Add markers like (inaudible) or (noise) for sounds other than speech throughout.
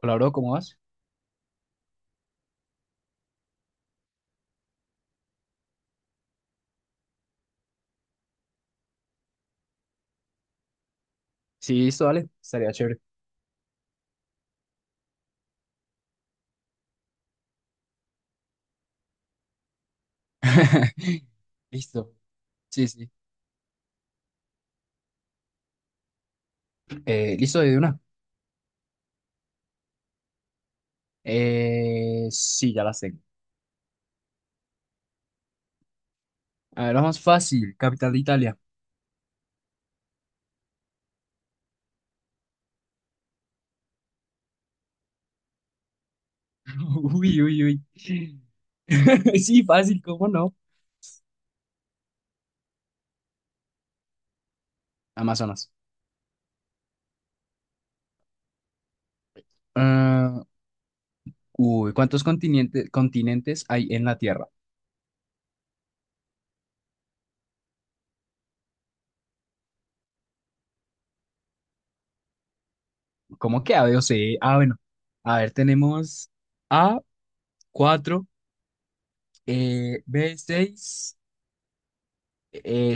Hola, bro, ¿cómo vas? Sí, listo, dale, estaría chévere. (laughs) Listo, sí, sí. Listo, de una. Sí, ya las tengo. A ver, la más fácil, capital de Italia. (laughs) Uy, uy, uy. (laughs) Sí, fácil, ¿cómo no? Amazonas. Ah, uy, ¿cuántos continentes hay en la Tierra? ¿Cómo que A, B o C? Ah, bueno. A ver, tenemos A, 4, B, 6,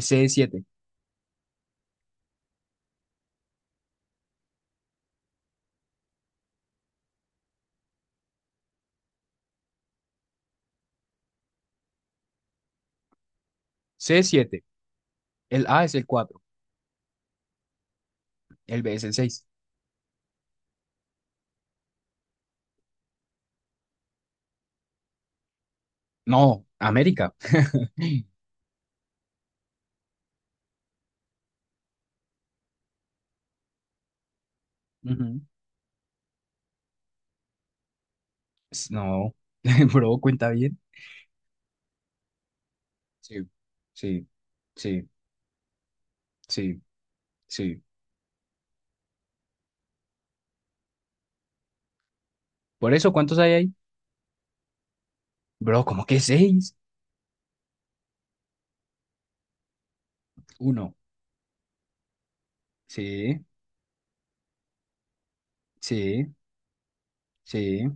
C, 7, C, 7. El A es el 4, el B es el seis. No, América. (laughs) Ujú. No, (laughs) bro, cuenta bien. Sí, sí, sí, sí, sí. Por eso, ¿cuántos hay ahí? Bro, ¿cómo que seis? Uno. Sí, sí, sí.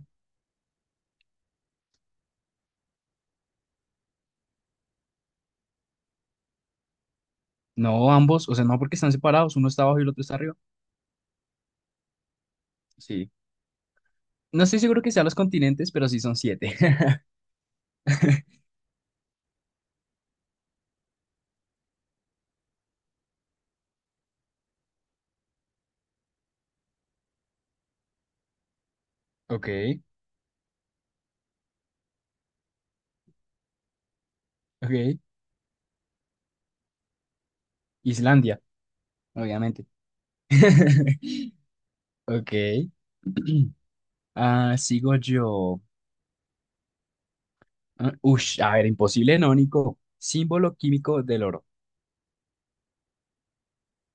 No, ambos, o sea, no porque están separados, uno está abajo y el otro está arriba. Sí. No estoy seguro que sean los continentes, pero sí son siete. (laughs) Ok, ok. Islandia, obviamente. (laughs) Ok. (clears throat) Ah, sigo yo. Ah, Ush, a ver, imposible, no, Nico. Símbolo químico del oro.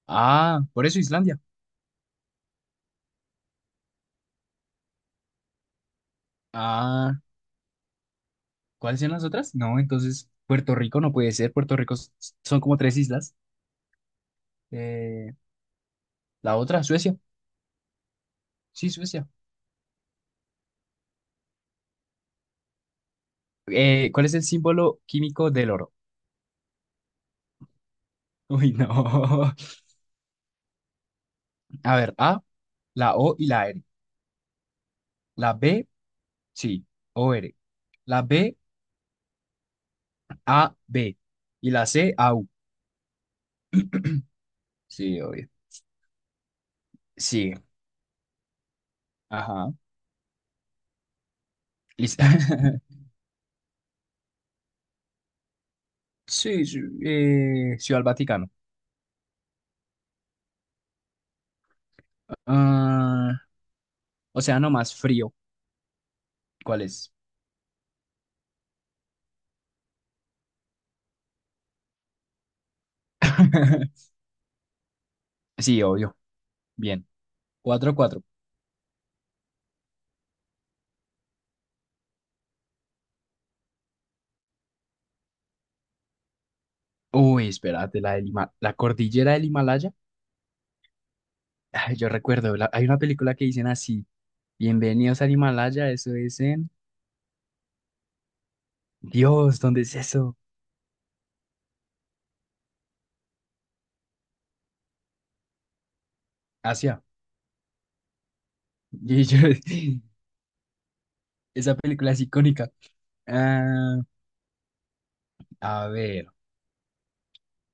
Ah, por eso Islandia. Ah, ¿cuáles son las otras? No, entonces Puerto Rico no puede ser. Son como tres islas. Eh, la otra, Suecia. Sí, Suecia. ¿Cuál es el símbolo químico del oro? Uy, no. (laughs) A ver, A, la O y la R. La B, sí, o r, la B, A, B. Y la C, Au. Sí, obvio. Sí, ajá. Listo. (laughs) Sí, sí, Ciudad del Vaticano. Ah, océano más frío. ¿Cuál es? (laughs) Sí, obvio. Bien. 4-4. Uy, espérate, la cordillera del Himalaya. Ay, yo recuerdo, hay una película que dicen así: bienvenidos al Himalaya, eso es en... Dios, ¿dónde es eso? Asia. Y yo- (laughs) Esa película es icónica. Ah, a ver,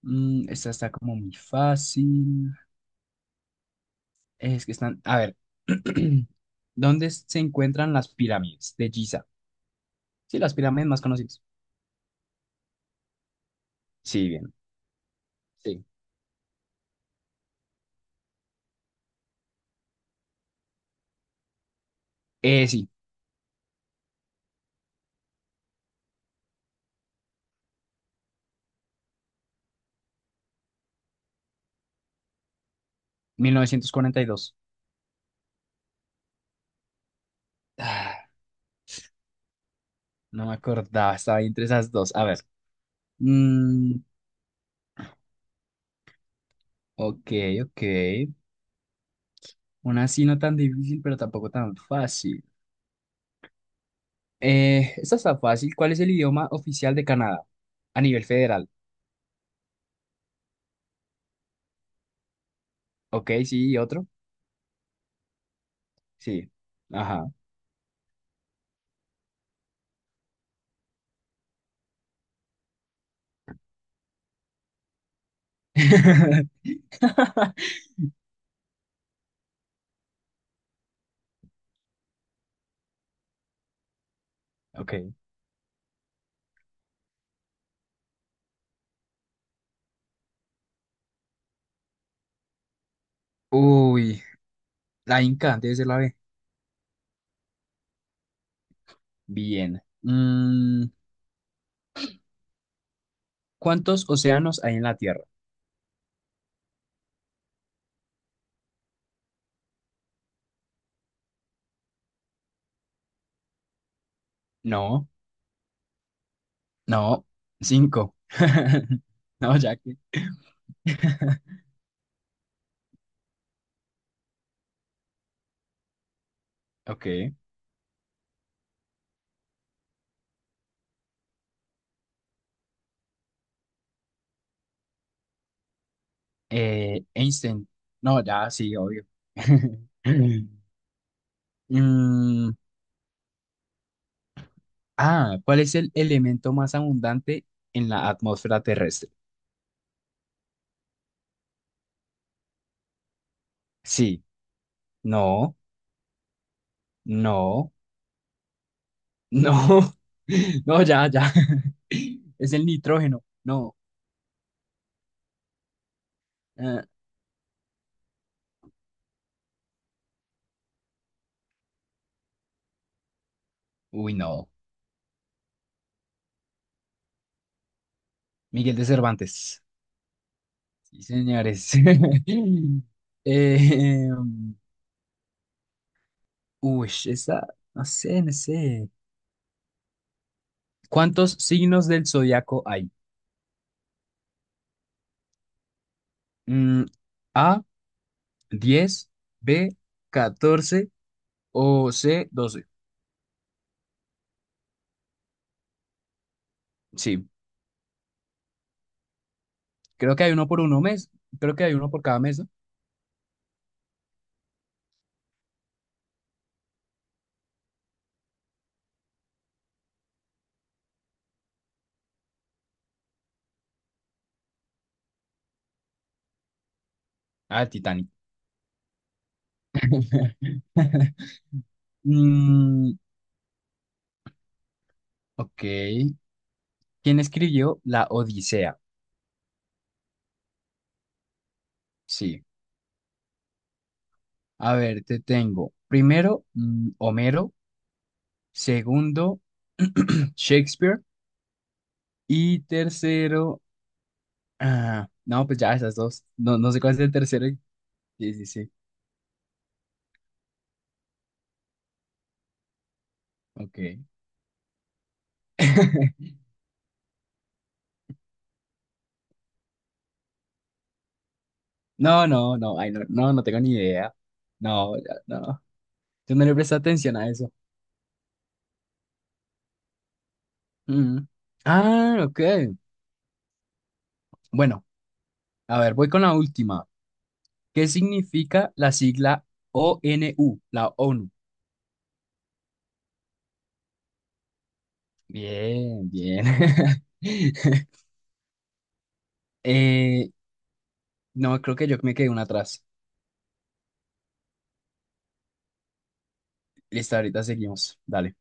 esta está como muy fácil. Es que están, a ver, (clears throat) ¿dónde se encuentran las pirámides de Giza? Sí, las pirámides más conocidas. Sí, bien, sí. Sí, 1942. Ah, no me acordaba, estaba ahí entre esas dos. A ver, mm, ok, ok. Una así no tan difícil, pero tampoco tan fácil. Esta está fácil. ¿Cuál es el idioma oficial de Canadá a nivel federal? Ok, sí, ¿y otro? Sí. Ajá. (laughs) Ok. Uy, la Inca, debe ser la B. Bien. ¿Cuántos océanos hay en la Tierra? No, no, cinco. (laughs) No, ya que. (laughs) Ok. Einstein. No, ya, sí, obvio. (laughs) Mm, ¿cuál es el elemento más abundante en la atmósfera terrestre? Sí, no, no, no. (laughs) No, ya, ya. (laughs) Es el nitrógeno. No. eh, uy, no. Miguel de Cervantes. Sí, señores. (laughs) Eh, uy, esa, no sé, no sé. ¿Cuántos signos del zodiaco hay? Mm, A, 10, B, 14 o C, 12. Sí, creo que hay uno por uno mes, creo que hay uno por cada mes, ¿no? Ah, el Titanic. (laughs) Mm, ok. ¿Quién escribió la Odisea? Sí. A ver, te tengo. Primero, Homero. Segundo, (clears throat) Shakespeare. Y tercero, ah, no, pues ya esas dos. No, no sé cuál es el tercero. Sí, sí, sí. Ok. (laughs) No, no, no, ay, no, no, no tengo ni idea. No, ya, no. Yo no le presté atención a eso. Mm. Ah, ok. Bueno, a ver, voy con la última. ¿Qué significa la sigla ONU, la ONU? Bien, bien. (laughs) Eh, no, creo que yo me quedé una atrás. Listo, ahorita seguimos. Dale.